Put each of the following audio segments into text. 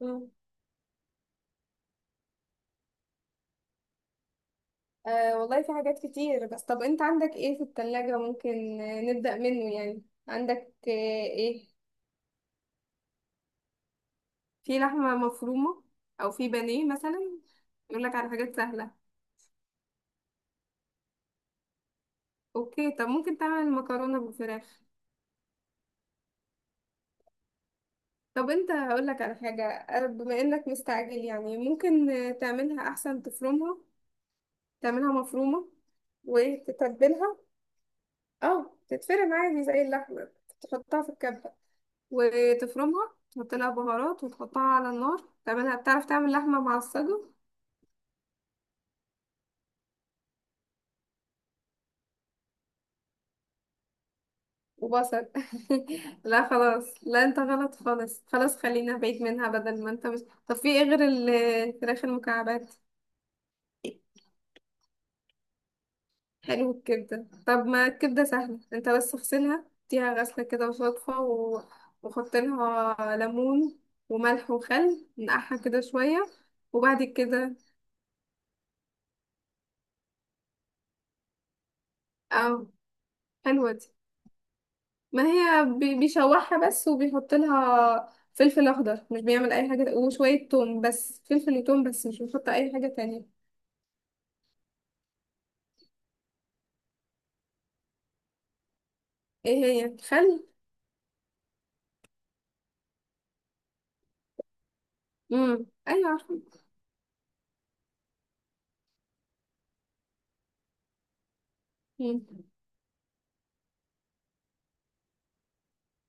مم. آه والله في حاجات كتير، بس طب انت عندك ايه في التلاجة؟ ممكن نبدأ منه. يعني عندك ايه في لحمة مفرومة او في بانيه مثلا؟ يقول لك على حاجات سهلة. اوكي، طب ممكن تعمل مكرونة بالفراخ. طب انت هقول لك على حاجة، بما انك مستعجل يعني، ممكن تعملها احسن تفرمها، تعملها مفرومة وتتبلها. اه، تتفرم عادي زي اللحمة، تحطها في الكبة وتفرمها، تحط لها بهارات وتحطها على النار، تعملها بتعرف تعمل لحمة معصجة وبصل. لا خلاص، لا انت غلط خالص، خلاص خلينا بعيد منها بدل ما انت مش. طب في ايه غير الفراخ المكعبات؟ حلو الكبدة، طب ما الكبدة سهلة، انت بس اغسلها، اديها غسلة كده وصدفة و... وحط لها ليمون وملح وخل، نقعها كده شوية وبعد كده. اه، حلوة دي. ما هي بيشوحها بس، وبيحط لها فلفل اخضر، مش بيعمل اي حاجه، وشويه توم، بس فلفل وتوم، بس مش بيحط اي حاجه تانية. ايه هي؟ خل. امم، ايوه عارفة. مم.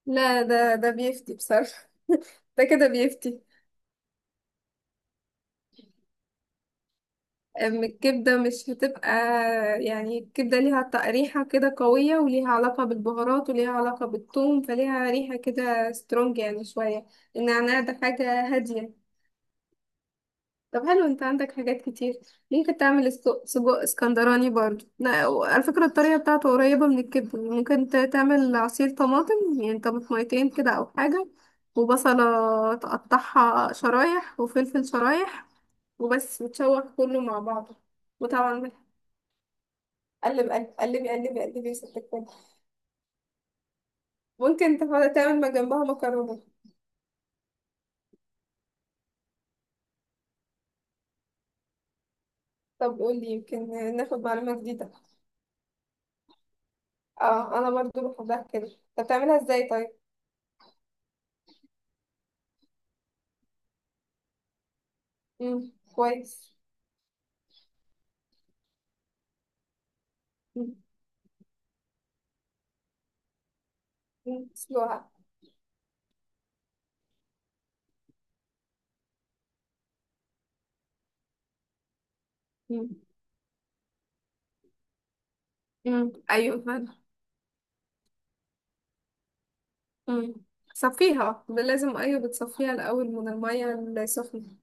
لا، ده ده بيفتي بصراحه. ده كده بيفتي. أم الكبده مش هتبقى، يعني الكبده ليها ريحه كده قويه، وليها علاقه بالبهارات وليها علاقه بالثوم، فليها ريحه كده سترونج يعني شويه. النعناع ده حاجه هاديه. طب حلو، انت عندك حاجات كتير. ممكن تعمل سجق اسكندراني برضو. لا، على فكرة الطريقة بتاعته قريبة من الكبدة. ممكن تعمل عصير طماطم، يعني طماطميتين كده او حاجة، وبصلة تقطعها شرايح، وفلفل شرايح، وبس، وتشوح كله مع بعضه. وطبعا ملح. قلب قلب قلبي قلبي قلبي يا ست الكل. ممكن تعمل ما جنبها مكرونة. طب قولي يمكن ناخد معلومة جديدة. اه، انا برضو بحبها كده. طب تعملها ازاي طيب؟ مم. كويس. مم. سلوها. مم. مم. ايوه فعلا. مم. صفيها لازم، ايوه، بتصفيها الاول من الميه السخنه.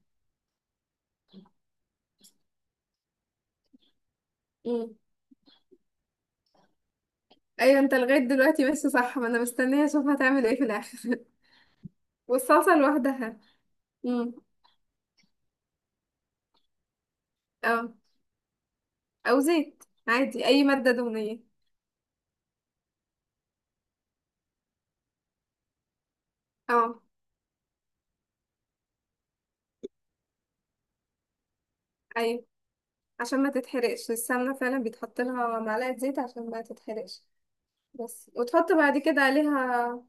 مم. ايوه انت لغايه دلوقتي بس صح، ما انا مستنيه اشوف هتعمل ايه في الاخر. والصلصه لوحدها. مم. اه. او زيت عادي، اي ماده دهنيه. اه. ايوه، عشان ما تتحرقش السمنه، فعلا بيتحط لها معلقه زيت عشان ما تتحرقش. بس وتحط بعد كده عليها.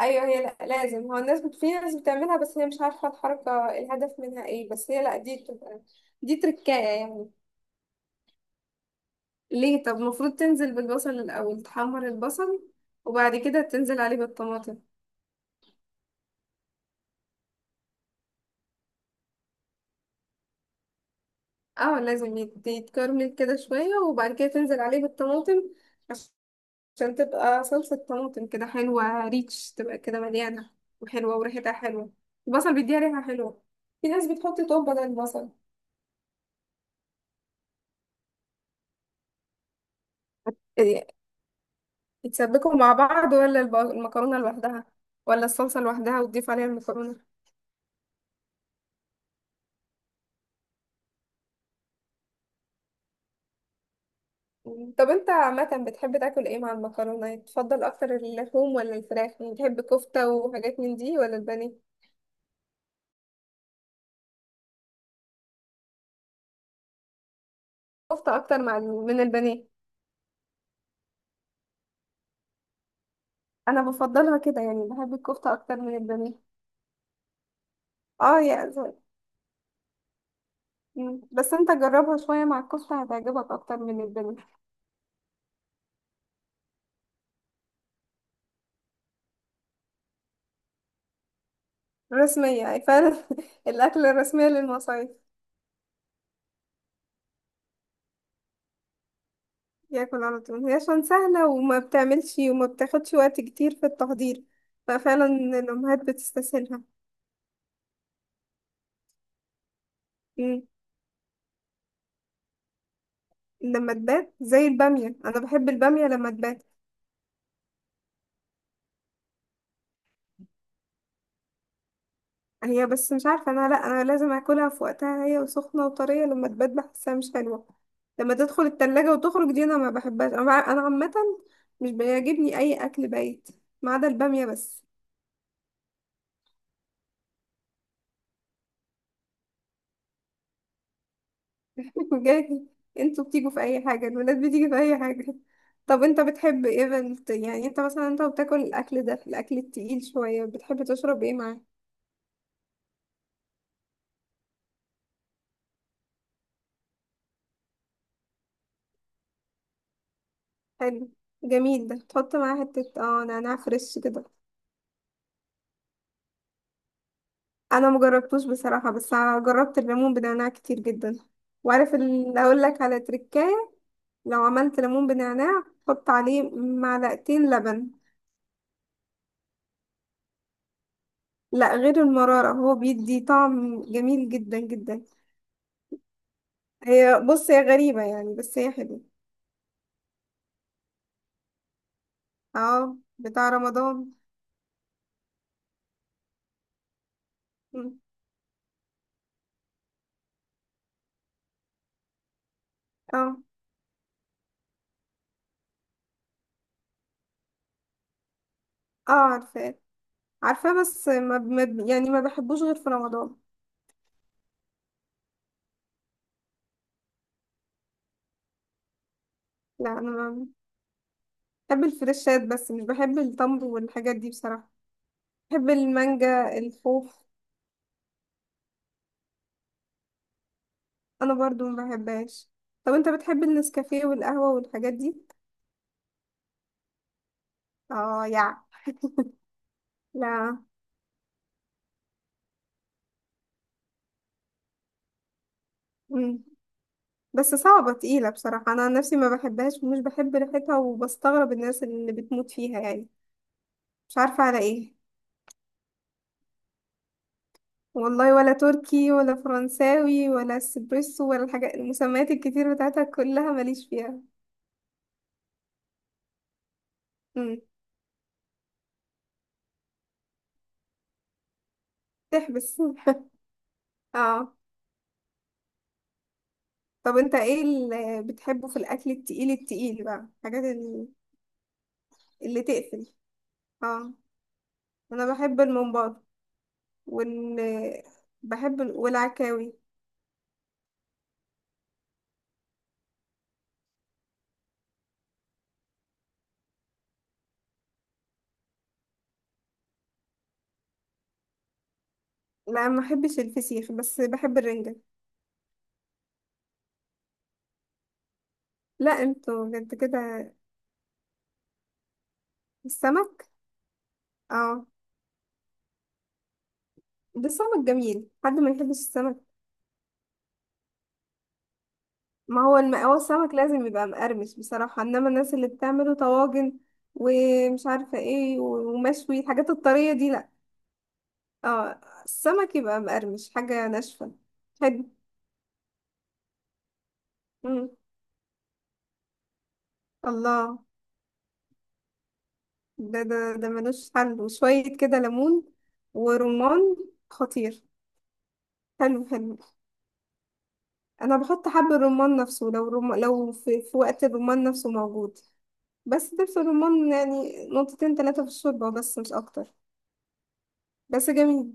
ايوه، هي لا لازم، هو الناس في ناس بتعملها بس هي مش عارفه الحركه الهدف منها ايه، بس هي لا، دي بتبقى دي تركايه يعني. ليه؟ طب المفروض تنزل بالبصل الاول، تحمر البصل وبعد كده تنزل عليه بالطماطم. اه لازم يتكرمل كده شويه، وبعد كده تنزل عليه بالطماطم. عش- عشان تبقى صلصه طماطم كده حلوه، ريتش، تبقى كده مليانه وحلوه وريحتها حلوه. البصل بيديها ريحه حلوه. في ناس بتحط توم بدل البصل. بتسبكوا مع بعض، ولا المكرونة لوحدها، ولا الصلصة لوحدها وتضيف عليها المكرونة؟ مم. طب انت عامة بتحب تاكل ايه مع المكرونة؟ تفضل اكتر اللحوم ولا الفراخ؟ يعني بتحب كفتة وحاجات من دي، ولا البانيه؟ كفتة اكتر مع من البانيه. انا بفضلها كده، يعني بحب الكفتة اكتر من البانيه. اه يا مم. بس انت جربها شوية مع الكفتة، هتعجبك اكتر من البانيه. رسمية يعني فعلا. الاكل الرسمية للمصايف. ياكل على طول، هي عشان سهلة وما بتعملش وما بتاخدش وقت كتير في التحضير. ففعلا الأمهات بتستسهلها. مم. لما تبات زي البامية، أنا بحب البامية لما تبات. هي بس مش عارفة، أنا لأ، أنا لازم أكلها في وقتها هي وسخنة وطرية، لما تبات بحسها مش حلوة. لما تدخل التلاجة وتخرج دي، أنا ما بحبهاش أنا. أنا عامة مش بيعجبني أي أكل بايت، ما عدا البامية بس. بجد؟ انتوا بتيجوا في اي حاجة؟ الولاد بتيجي في اي حاجة؟ طب انت بتحب ايه بنت، يعني انت مثلا انت بتاكل الاكل ده الاكل التقيل شوية، بتحب تشرب ايه معاه؟ حلو. جميل ده، تحط معاه حتة اه نعناع فريش كده. انا مجربتوش بصراحة، بس جربت الليمون بنعناع كتير جدا. وعارف اللي اقول لك على تركاية، لو عملت ليمون بنعناع حط عليه معلقتين لبن. لا غير المرارة، هو بيدي طعم جميل جدا جدا. هي بص هي غريبة يعني، بس هي حلوة. اه، بتاع رمضان. مم. اه. اه عارفاه، عارفاه، بس ما ب... ما ب... يعني ما بحبوش غير في رمضان. لا انا ما بحب الفريشات، بس مش بحب التمر والحاجات دي بصراحة. بحب المانجا، الخوخ انا برضو ما بحبهاش. طب انت بتحب النسكافيه والقهوة والحاجات دي؟ اه يا. لا. مم. بس صعبة تقيلة بصراحة، انا عن نفسي ما بحبهاش، ومش بحب ريحتها، وبستغرب الناس اللي بتموت فيها يعني. مش عارفة على ايه. والله ولا تركي ولا فرنساوي ولا اسبريسو ولا الحاجات المسميات الكتير بتاعتها، كلها ماليش فيها. امم. تحبس. اه. طب انت ايه اللي بتحبه في الاكل التقيل التقيل بقى، الحاجات اللي تقفل؟ اه، انا بحب الممبار. وال والعكاوي. لا ما بحبش الفسيخ، بس بحب الرنجة. لا انتوا بجد كده؟ السمك. اه. ده السمك جميل، حد ما يحبش السمك؟ ما هو الم... هو السمك لازم يبقى مقرمش بصراحة، انما الناس اللي بتعمله طواجن ومش عارفة ايه ومشوي، الحاجات الطرية دي لا. اه، السمك يبقى مقرمش، حاجة ناشفة. حلو. مم. الله. ده ملوش حل، وشوية كده ليمون ورمان، خطير. حلو حلو. انا بحط حب الرمان نفسه، لو رم... لو في... في وقت الرمان نفسه موجود. بس دبس الرمان يعني نقطتين تلاتة في الشوربة، بس مش اكتر. بس جميل.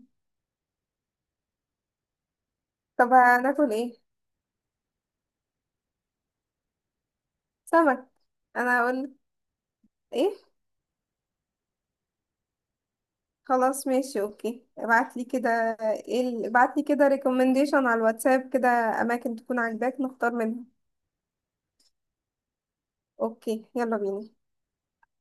طب هناكل ايه؟ سمك. انا هقول ايه؟ خلاص ماشي، اوكي، ابعتلي كده. ايه ابعتلي كده ريكومنديشن على الواتساب كده، اماكن تكون عاجباك نختار منها. اوكي، يلا بينا.